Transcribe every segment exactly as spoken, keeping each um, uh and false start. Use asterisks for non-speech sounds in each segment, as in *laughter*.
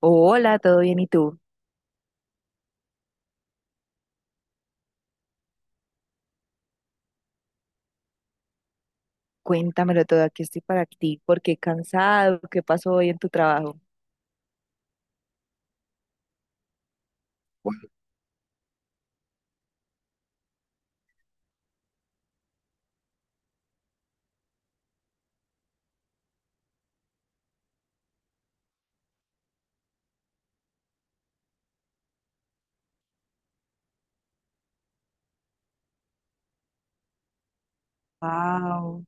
Hola, ¿todo bien? ¿Y tú? Cuéntamelo todo, aquí estoy para ti. ¿Por qué cansado? ¿Qué pasó hoy en tu trabajo? Wow.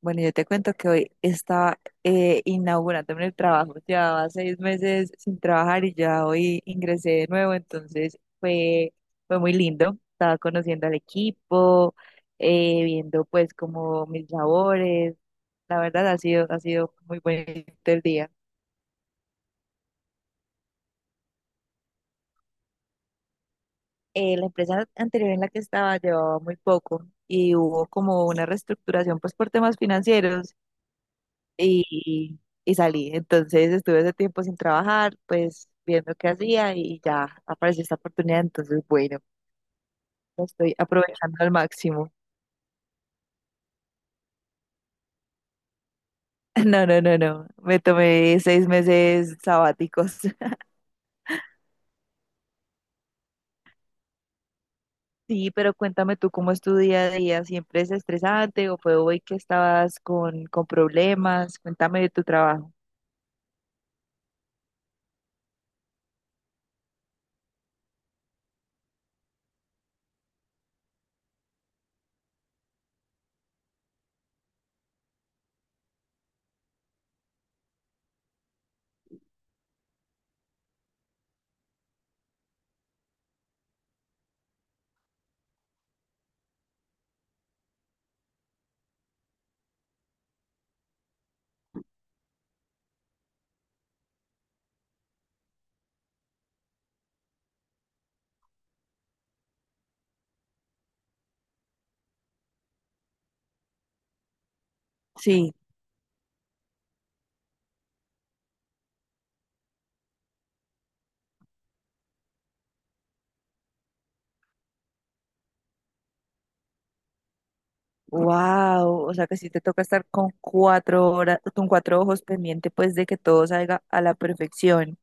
Bueno, yo te cuento que hoy estaba eh, inaugurando en el trabajo. Llevaba seis meses sin trabajar y ya hoy ingresé de nuevo, entonces fue, fue muy lindo. Estaba conociendo al equipo, eh, viendo pues como mis labores. La verdad ha sido, ha sido muy bonito el día. eh, la empresa anterior en la que estaba llevaba muy poco y hubo como una reestructuración pues por temas financieros y, y salí. Entonces estuve ese tiempo sin trabajar, pues viendo qué hacía y ya apareció esta oportunidad. Entonces, bueno, lo estoy aprovechando al máximo. *laughs* No, no, no, no. Me tomé seis meses sabáticos. *laughs* Sí, pero cuéntame tú cómo es tu día a día. ¿Siempre es estresante o fue hoy que estabas con, con problemas? Cuéntame de tu trabajo. Sí. Wow, o sea que sí te toca estar con cuatro horas, con cuatro ojos pendiente, pues de que todo salga a la perfección.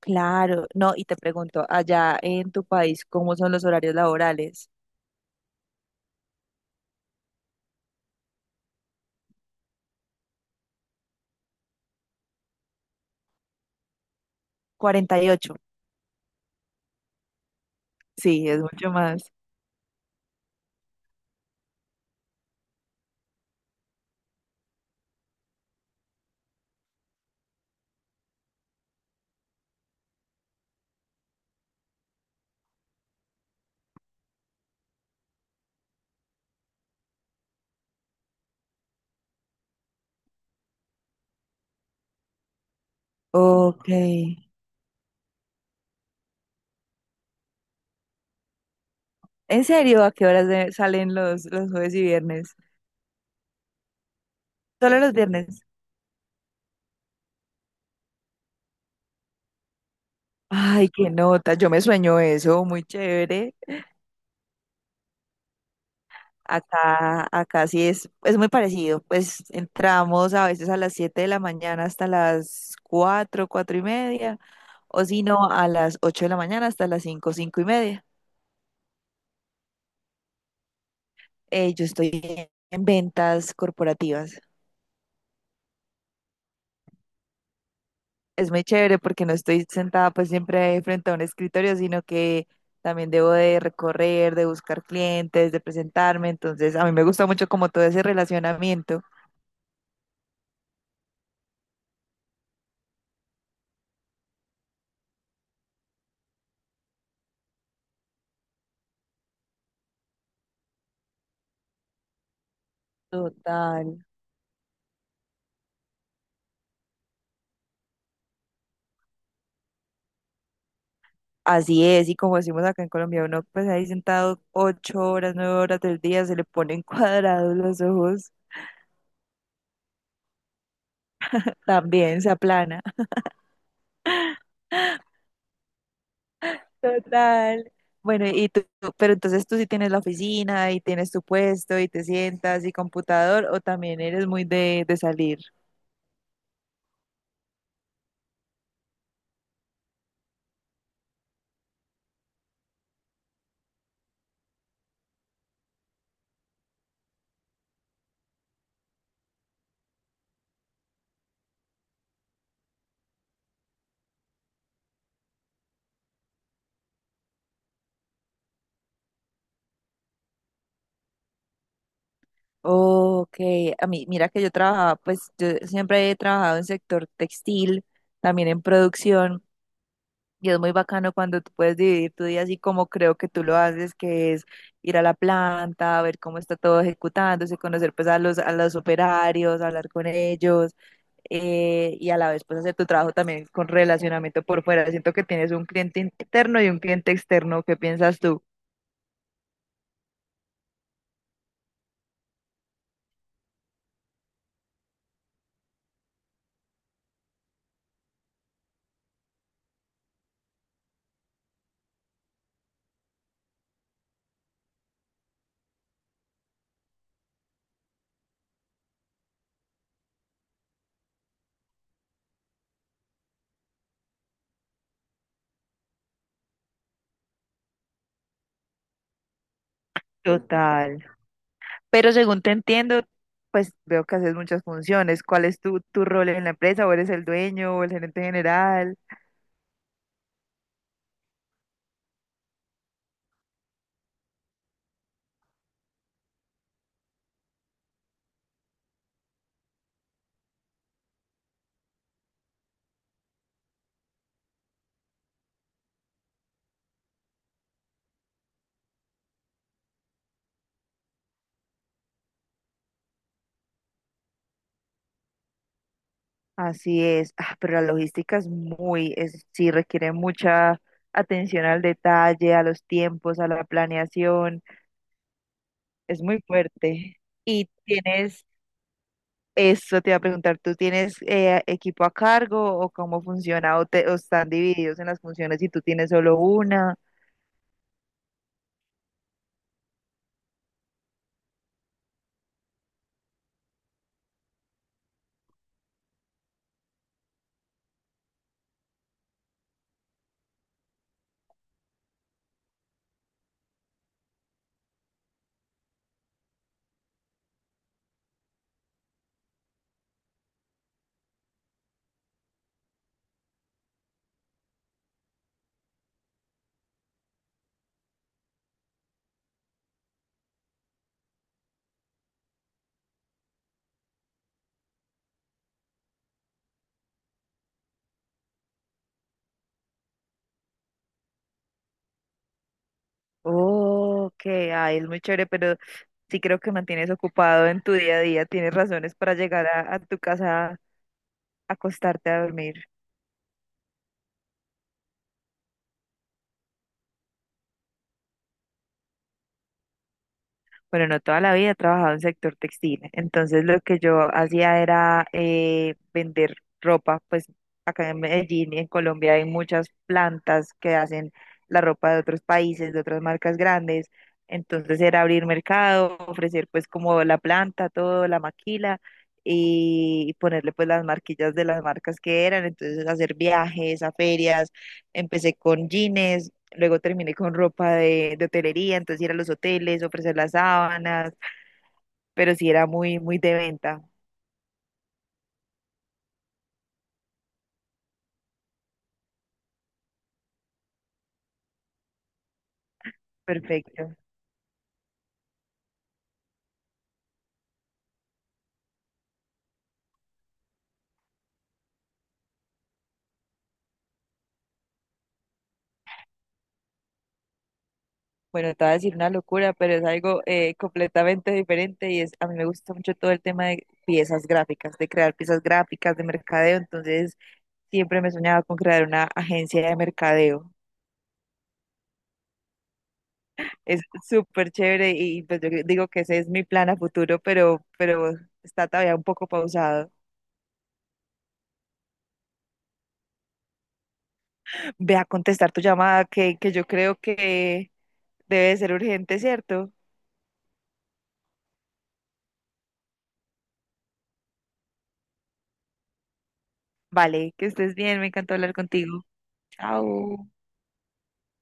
Claro, no, y te pregunto, allá en tu país, ¿cómo son los horarios laborales? Cuarenta y ocho. Sí, es mucho más. Ok. ¿En serio? ¿A qué horas de- salen los, los jueves y viernes? Solo los viernes. Ay, qué nota, yo me sueño eso, muy chévere. Acá, acá sí es, es muy parecido. Pues entramos a veces a las siete de la mañana hasta las cuatro cuatro y media, o si no, a las ocho de la mañana hasta las cinco cinco y media. Eh, yo estoy en ventas corporativas. Es muy chévere porque no estoy sentada pues siempre frente a un escritorio, sino que también debo de recorrer, de buscar clientes, de presentarme. Entonces, a mí me gusta mucho como todo ese relacionamiento. Total. Así es. Y como decimos acá en Colombia, uno pues ahí sentado ocho horas, nueve horas del día, se le ponen *laughs* cuadrados los ojos, también se aplana. Total. Bueno, y tú, tú- pero entonces tú sí tienes la oficina y tienes tu puesto y te sientas y computador, o también eres muy de, de salir. Ok, a mí, mira que yo trabajaba, pues yo siempre he trabajado en sector textil, también en producción. Y es muy bacano cuando tú puedes dividir tu día así como creo que tú lo haces, que es ir a la planta, ver cómo está todo ejecutándose, conocer pues a los, a los operarios, hablar con ellos, eh, y a la vez pues hacer tu trabajo también con relacionamiento por fuera. Siento que tienes un cliente interno y un cliente externo. ¿Qué piensas tú? Total. Pero según te entiendo, pues veo que haces muchas funciones. ¿Cuál es tu, tu rol en la empresa? ¿O eres el dueño o el gerente general? Así es. Ah, pero la logística es muy, es, sí requiere mucha atención al detalle, a los tiempos, a la planeación, es muy fuerte. Y tienes, eso te iba a preguntar, ¿tú tienes eh, equipo a cargo o cómo funciona o, te, o están divididos en las funciones y tú tienes solo una? Oh, ok, ay, es muy chévere, pero sí creo que mantienes ocupado en tu día a día, tienes razones para llegar a, a tu casa a acostarte a dormir. Bueno, no toda la vida he trabajado en sector textil, entonces lo que yo hacía era eh, vender ropa, pues acá en Medellín y en Colombia hay muchas plantas que hacen la ropa de otros países, de otras marcas grandes, entonces era abrir mercado, ofrecer pues como la planta, todo, la maquila y ponerle pues las marquillas de las marcas que eran, entonces hacer viajes a ferias, empecé con jeans, luego terminé con ropa de, de hotelería, entonces ir a los hoteles, ofrecer las sábanas, pero sí era muy, muy de venta. Perfecto. Bueno, te voy a decir una locura, pero es algo eh, completamente diferente y es, a mí me gusta mucho todo el tema de piezas gráficas, de crear piezas gráficas, de mercadeo, entonces siempre me soñaba con crear una agencia de mercadeo. Es súper chévere y pues yo digo que ese es mi plan a futuro, pero, pero está todavía un poco pausado. Ve a contestar tu llamada que, que yo creo que debe de ser urgente, ¿cierto? Vale, que estés bien, me encantó hablar contigo. Chao.